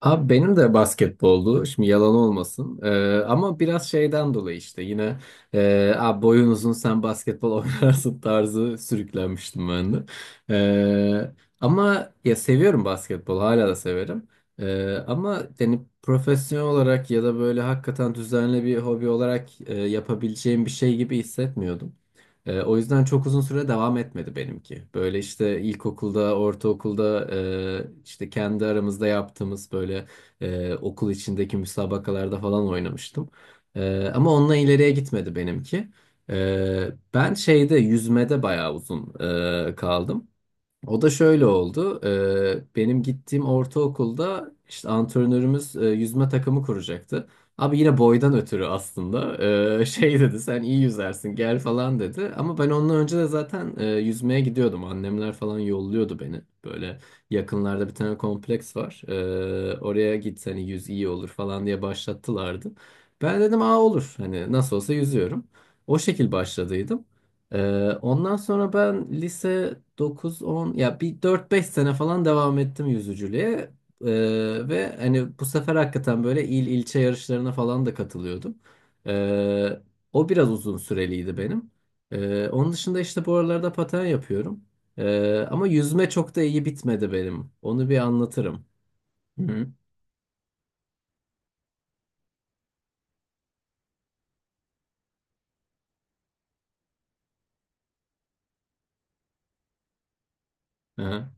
Abi benim de basketboldu. Şimdi yalan olmasın. Ama biraz şeyden dolayı işte yine abi boyun uzun sen basketbol oynarsın tarzı sürüklenmiştim ben de. Ee, ama ya seviyorum basketbol hala da severim. Ama yani profesyonel olarak ya da böyle hakikaten düzenli bir hobi olarak yapabileceğim bir şey gibi hissetmiyordum. O yüzden çok uzun süre devam etmedi benimki. Böyle işte ilkokulda, ortaokulda işte kendi aramızda yaptığımız böyle okul içindeki müsabakalarda falan oynamıştım. Ama onunla ileriye gitmedi benimki. E, ben şeyde yüzmede bayağı uzun kaldım. O da şöyle oldu. Benim gittiğim ortaokulda işte antrenörümüz yüzme takımı kuracaktı. Abi yine boydan ötürü aslında. Şey dedi sen iyi yüzersin gel falan dedi. Ama ben ondan önce de zaten yüzmeye gidiyordum. Annemler falan yolluyordu beni. Böyle yakınlarda bir tane kompleks var. Oraya git hani yüz iyi olur falan diye başlattılardı. Ben dedim aa olur hani nasıl olsa yüzüyorum. O şekil başladıydım. Ondan sonra ben lise 9-10 ya bir 4-5 sene falan devam ettim yüzücülüğe. Ee, ve hani bu sefer hakikaten böyle il ilçe yarışlarına falan da katılıyordum. Ee, o biraz uzun süreliydi benim. Onun dışında işte bu aralarda paten yapıyorum. Ama yüzme çok da iyi bitmedi benim. Onu bir anlatırım. Hı hı. Aha.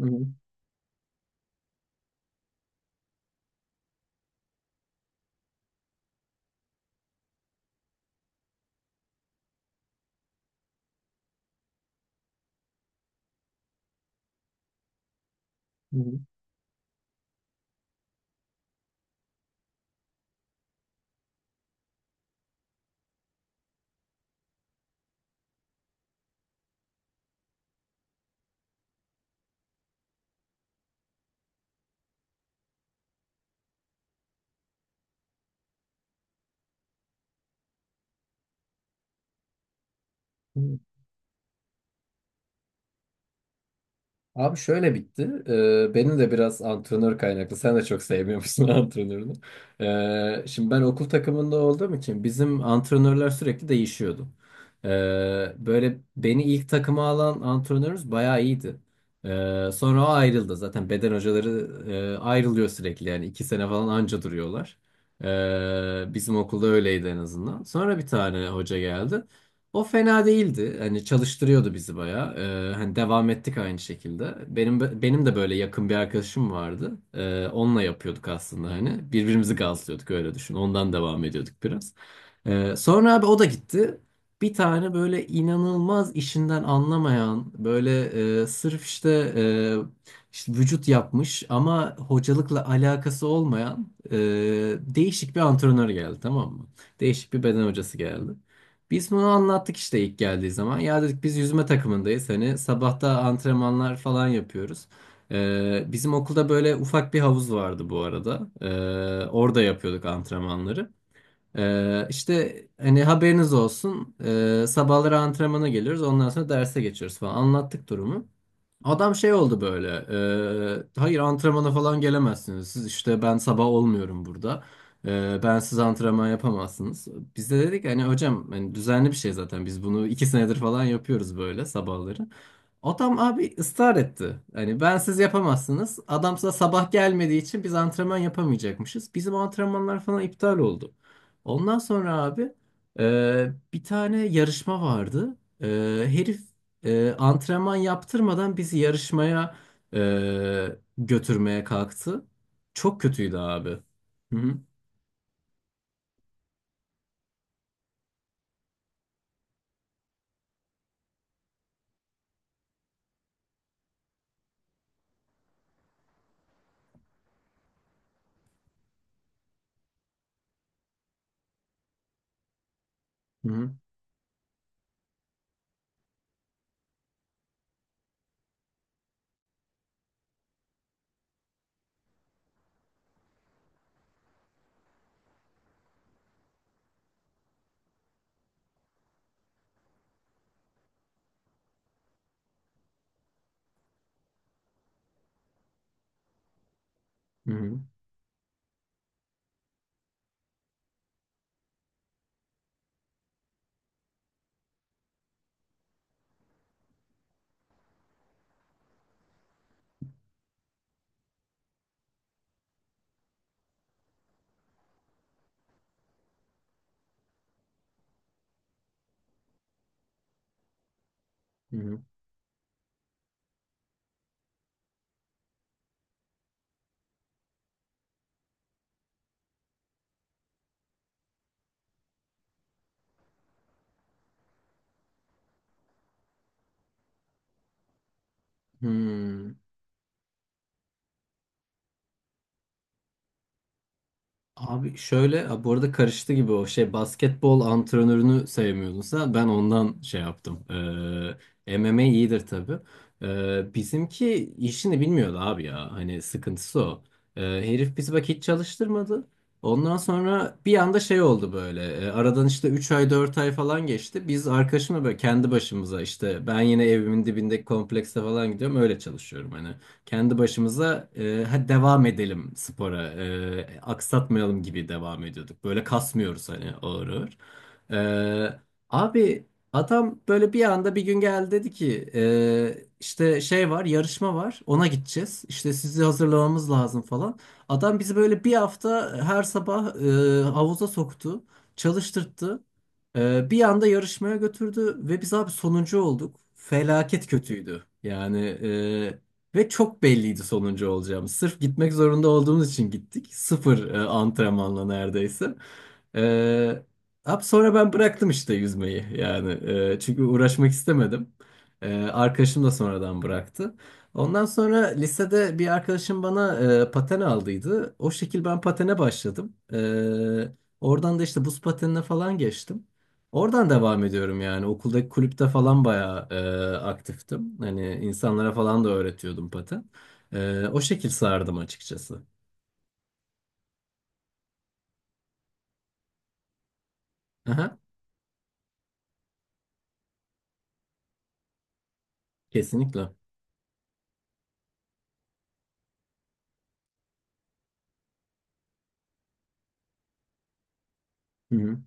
Hı hı. Hı hı. Abi şöyle bitti. Benim de biraz antrenör kaynaklı. Sen de çok sevmiyormuşsun antrenörünü. Şimdi ben okul takımında olduğum için bizim antrenörler sürekli değişiyordu. Ee, böyle beni ilk takıma alan antrenörümüz bayağı iyiydi. Sonra o ayrıldı. Zaten beden hocaları ayrılıyor sürekli. Yani iki sene falan anca duruyorlar. Bizim okulda öyleydi en azından. Sonra bir tane hoca geldi. O fena değildi. Hani çalıştırıyordu bizi bayağı. Hani devam ettik aynı şekilde. Benim de böyle yakın bir arkadaşım vardı. Onunla yapıyorduk aslında hani. Birbirimizi gazlıyorduk öyle düşün. Ondan devam ediyorduk biraz. Sonra abi o da gitti. Bir tane böyle inanılmaz işinden anlamayan böyle sırf işte, işte vücut yapmış ama hocalıkla alakası olmayan değişik bir antrenör geldi, tamam mı? Değişik bir beden hocası geldi. Biz bunu anlattık işte ilk geldiği zaman. Ya dedik biz yüzme takımındayız. Hani sabahta antrenmanlar falan yapıyoruz. Bizim okulda böyle ufak bir havuz vardı bu arada. Orada yapıyorduk antrenmanları. İşte hani haberiniz olsun. Sabahları antrenmana geliyoruz. Ondan sonra derse geçiyoruz falan. Anlattık durumu. Adam şey oldu böyle. Hayır antrenmana falan gelemezsiniz. Siz işte ben sabah olmuyorum burada. Ben siz antrenman yapamazsınız. Biz de dedik hani hocam hani düzenli bir şey zaten. Biz bunu iki senedir falan yapıyoruz böyle sabahları. Adam abi ısrar etti. Hani ben siz yapamazsınız. Adam size sabah gelmediği için biz antrenman yapamayacakmışız. Bizim antrenmanlar falan iptal oldu. Ondan sonra abi bir tane yarışma vardı. E, herif antrenman yaptırmadan bizi yarışmaya götürmeye kalktı. Çok kötüydü abi. Hı hı, hı hı, hı hı, hı. Abi şöyle, a, bu arada karıştı gibi o şey, basketbol antrenörünü sevmiyordun sen, ben ondan şey yaptım. MMA iyidir tabii. Bizimki işini bilmiyordu abi ya, hani sıkıntısı o. Herif bizi bak hiç çalıştırmadı. Ondan sonra bir anda şey oldu böyle. Aradan işte 3 ay 4 ay falan geçti. Biz arkadaşımla böyle kendi başımıza işte, ben yine evimin dibindeki komplekse falan gidiyorum, öyle çalışıyorum hani, kendi başımıza hadi devam edelim spora, aksatmayalım gibi devam ediyorduk. Böyle kasmıyoruz hani, ağır ağır. E, abi adam böyle bir anda bir gün geldi, dedi ki işte şey var, yarışma var, ona gideceğiz. İşte sizi hazırlamamız lazım falan. Adam bizi böyle bir hafta her sabah havuza soktu, çalıştırttı. Bir anda yarışmaya götürdü ve biz abi sonuncu olduk. Felaket kötüydü. Yani ve çok belliydi sonuncu olacağımız. Sırf gitmek zorunda olduğumuz için gittik. Sıfır antrenmanla neredeyse. E, ab sonra ben bıraktım işte yüzmeyi yani. Çünkü uğraşmak istemedim. Arkadaşım da sonradan bıraktı. Ondan sonra lisede bir arkadaşım bana paten aldıydı. O şekil ben patene başladım. Oradan da işte buz patenine falan geçtim. Oradan devam ediyorum yani. Okuldaki kulüpte falan bayağı aktiftim. Hani insanlara falan da öğretiyordum paten. O şekil sardım açıkçası. Aha, kesinlikle. Hı hı.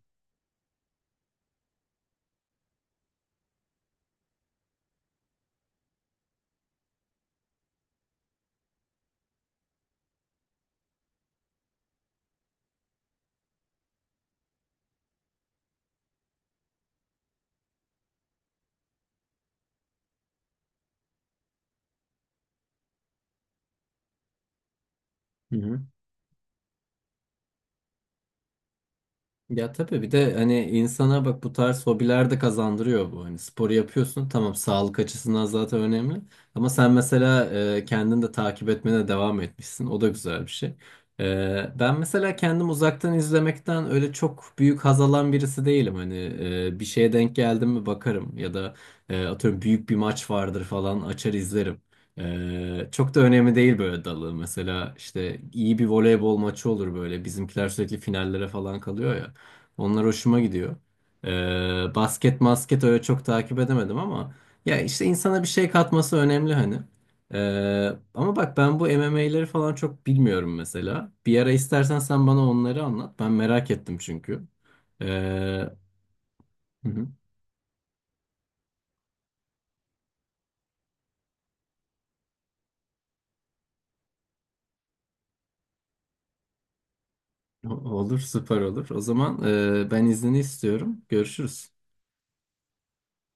Hı hı. Ya tabii, bir de hani insana bak, bu tarz hobiler de kazandırıyor bu. Hani spor yapıyorsun, tamam, sağlık açısından zaten önemli. Ama sen mesela kendini de takip etmene devam etmişsin. O da güzel bir şey. Ben mesela kendim uzaktan izlemekten öyle çok büyük haz alan birisi değilim. Hani bir şeye denk geldim mi bakarım, ya da atıyorum büyük bir maç vardır falan, açar izlerim. Çok da önemli değil böyle dalı. Mesela işte iyi bir voleybol maçı olur böyle. Bizimkiler sürekli finallere falan kalıyor ya. Onlar hoşuma gidiyor. Basket masket öyle çok takip edemedim ama ya işte, insana bir şey katması önemli hani. Ama bak ben bu MMA'leri falan çok bilmiyorum mesela. Bir ara istersen sen bana onları anlat. Ben merak ettim çünkü. Ee, hı hı. Olur, süper olur. O zaman ben iznini istiyorum. Görüşürüz.